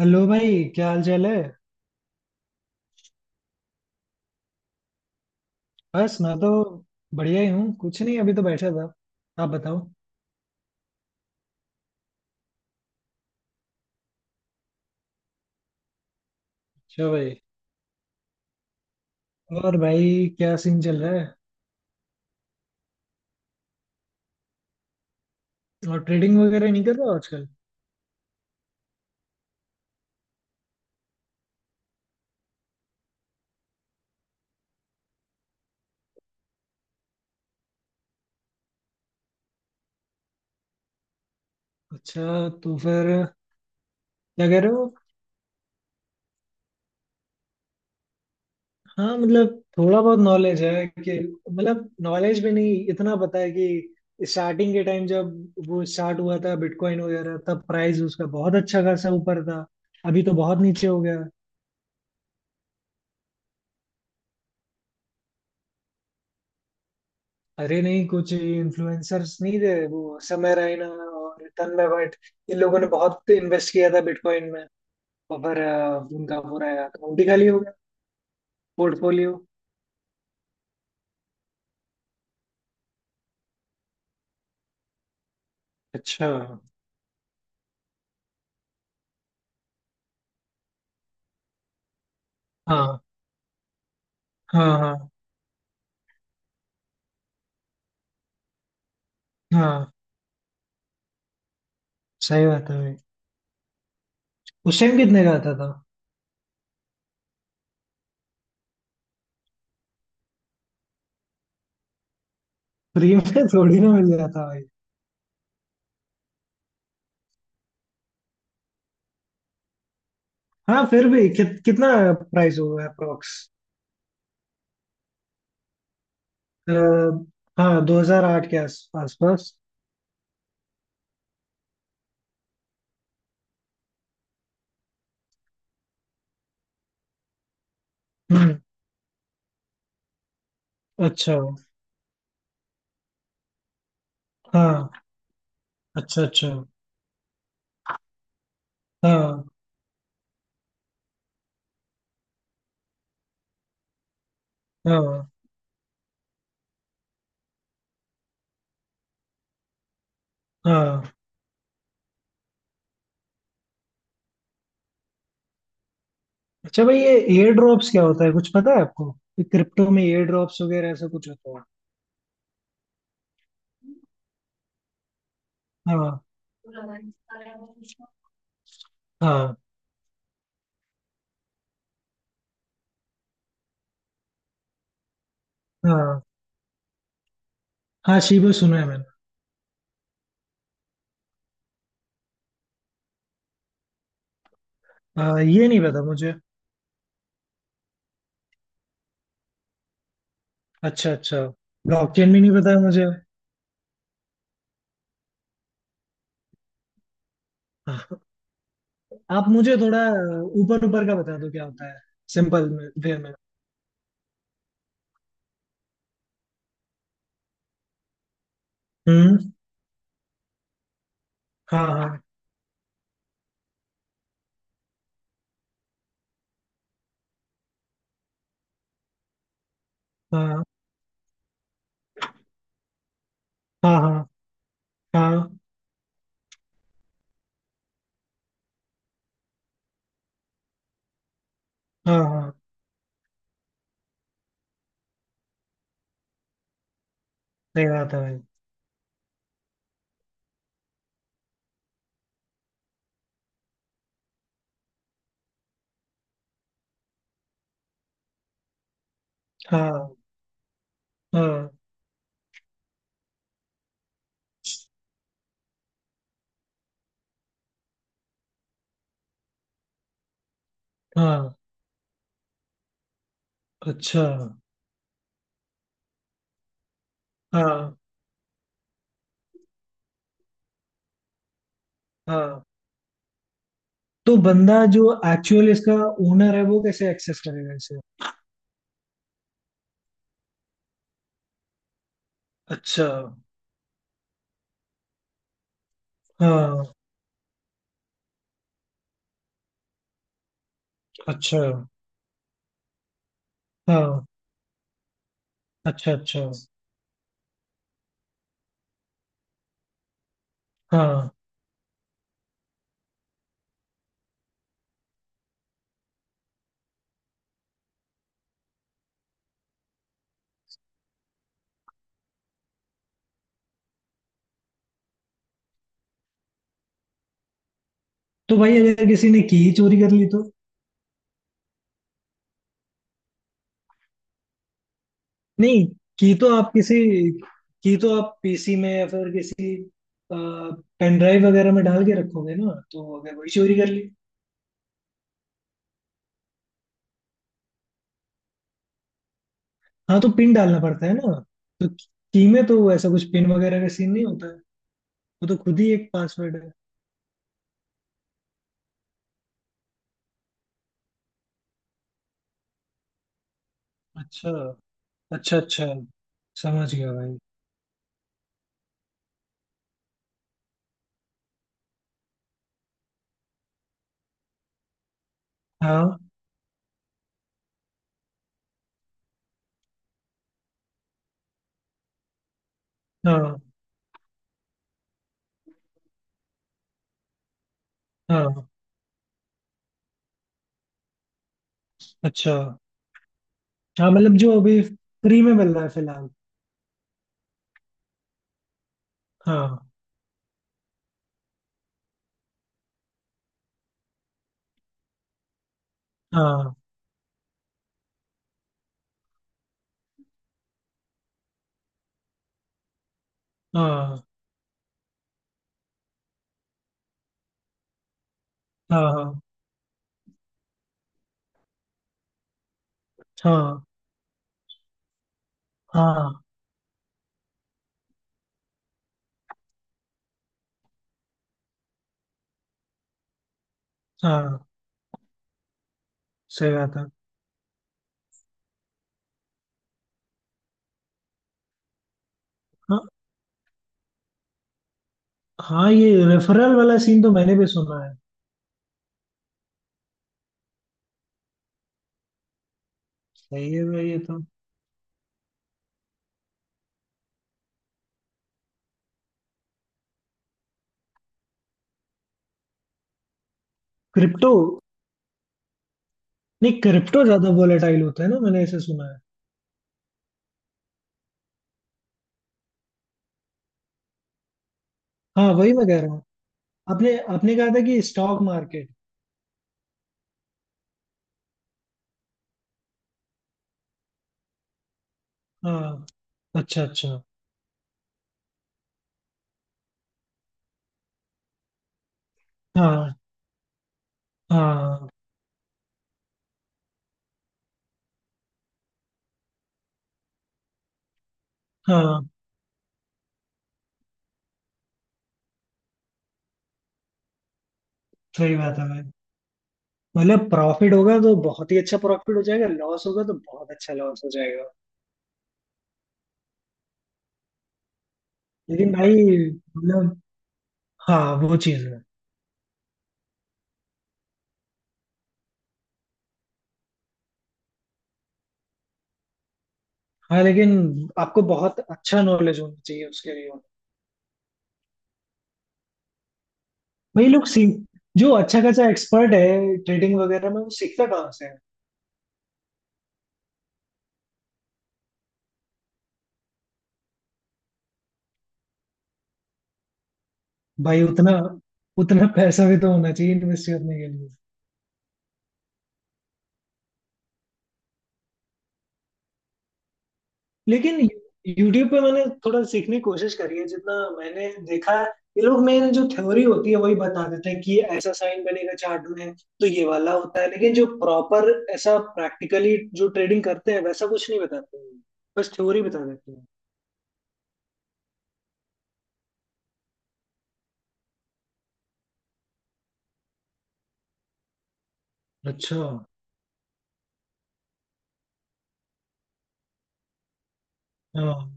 Hello भाई, क्या हाल चाल है। बस मैं तो बढ़िया ही हूँ, कुछ नहीं अभी तो बैठा था। आप बताओ। अच्छा भाई। और भाई क्या सीन चल रहा है। और ट्रेडिंग वगैरह नहीं कर रहे हो आजकल। अच्छा तो फिर। क्या कह रहे हो। हाँ मतलब थोड़ा बहुत नॉलेज है कि, मतलब नॉलेज भी नहीं, इतना पता है कि स्टार्टिंग के टाइम जब वो स्टार्ट हुआ था बिटकॉइन वगैरह, तब प्राइस उसका बहुत अच्छा खासा ऊपर था। अभी तो बहुत नीचे हो गया। अरे नहीं, कुछ इन्फ्लुएंसर्स नहीं थे वो समय रैना और तन्मय भट्ट, इन लोगों ने बहुत इन्वेस्ट किया था बिटकॉइन में। और फिर उनका पूरा अकाउंट ही खाली हो गया। पोर्टफोलियो। अच्छा। हाँ, हाँ, हाँ, हाँ। सही बात है भाई। उस टाइम कितने का आता था। फ्री में थोड़ी ना मिल जाता भाई। हाँ फिर भी कितना प्राइस होगा अप्रोक्स। हाँ, 2008 के आस आसपास। हम्म। अच्छा। हाँ। अच्छा अच्छा। हाँ, हाँ, हाँ। अच्छा भाई, ये एयर ड्रॉप्स क्या होता है कुछ पता है आपको। ये क्रिप्टो में एयर ड्रॉप्स वगैरह ऐसा कुछ होता है। हाँ। हाँ। हाँ हाँ शिबो सुना है मैंने। हाँ, ये नहीं पता मुझे। अच्छा अच्छा। ब्लॉकचेन भी नहीं पता है मुझे। हाँ। आप मुझे थोड़ा ऊपर ऊपर का बता दो क्या होता है, सिंपल में वे में। हम्म। हाँ, हाँ। हाँ, हाँ, हाँ, हाँ, हाँ, हाँ। सही बात है भाई। हाँ, हाँ, हाँ। अच्छा। हाँ, हाँ। तो बंदा जो एक्चुअल इसका ओनर है वो कैसे एक्सेस करेगा इसे। अच्छा। हाँ। अच्छा। हाँ। अच्छा अच्छा। हाँ। तो भाई, अगर किसी ने की चोरी कर ली तो। नहीं, की तो आप किसी की तो आप पीसी में या फिर किसी पेन ड्राइव वगैरह में डाल के रखोगे ना, तो अगर वही चोरी कर ली। हाँ तो पिन डालना पड़ता है ना, तो की में तो ऐसा कुछ पिन वगैरह का सीन नहीं होता है। वो तो खुद ही एक पासवर्ड है। अच्छा, अच्छा, अच्छा। समझ गया भाई। हाँ, हाँ, हाँ। अच्छा। हाँ, मतलब जो अभी फ्री में मिल रहा है फिलहाल। हाँ हाँ, हाँ, हाँ, हाँ, हाँ, हाँ। हाँ, सही बात है। हाँ, हाँ, ये रेफरल वाला सीन तो मैंने भी सुना है। सही है भाई ये तो। क्रिप्टो। नहीं, क्रिप्टो ज्यादा वोलेटाइल होता है ना, मैंने ऐसे सुना है। हाँ, वही मैं कह रहा हूँ। आपने आपने कहा था कि स्टॉक मार्केट। हाँ। अच्छा अच्छा। हाँ, हाँ। हाँ, सही बात है भाई। मतलब प्रॉफिट होगा तो बहुत ही अच्छा प्रॉफिट हो जाएगा, लॉस होगा तो बहुत अच्छा लॉस हो जाएगा। लेकिन भाई, मतलब, हाँ वो चीज है। हाँ लेकिन आपको बहुत अच्छा नॉलेज होना चाहिए उसके लिए। भाई लोग सीख, जो अच्छा खासा एक्सपर्ट है ट्रेडिंग वगैरह में, वो सीखता कहाँ से है। भाई उतना उतना पैसा भी तो होना चाहिए इन्वेस्ट करने के लिए। लेकिन यूट्यूब पे मैंने थोड़ा सीखने की कोशिश करी है, जितना मैंने देखा है ये लोग मेन जो थ्योरी होती है वही बता देते हैं कि ऐसा साइन बनेगा चार्ट में तो ये वाला होता है, लेकिन जो प्रॉपर ऐसा प्रैक्टिकली जो ट्रेडिंग करते हैं वैसा कुछ नहीं बताते हैं। बस थ्योरी बता देते हैं। अच्छा। हाँ,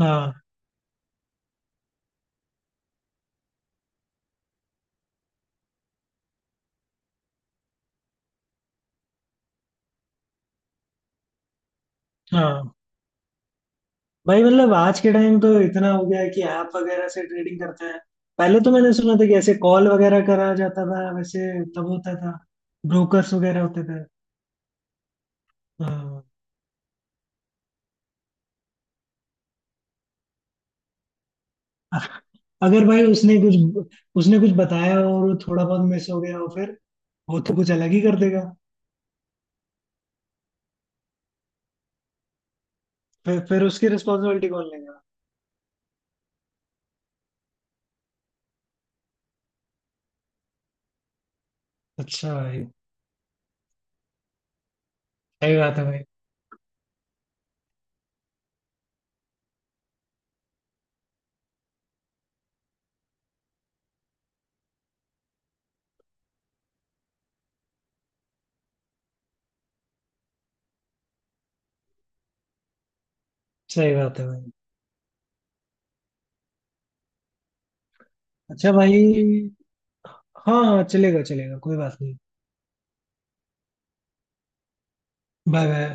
हाँ, हाँ। भाई मतलब आज के टाइम तो इतना हो गया है कि ऐप वगैरह से ट्रेडिंग करते हैं। पहले तो मैंने सुना था कि ऐसे कॉल वगैरह करा जाता था, वैसे तब होता था। ब्रोकर्स वगैरह होते थे। हाँ। अगर भाई उसने कुछ बताया और वो थोड़ा बहुत मिस हो गया हो, फिर वो तो कुछ अलग ही कर देगा। फिर उसकी रिस्पॉन्सिबिलिटी कौन लेगा। अच्छा भाई। सही बात है भाई। सही बात है भाई। अच्छा भाई। हाँ, हाँ, चलेगा चलेगा कोई बात नहीं। Bye bye.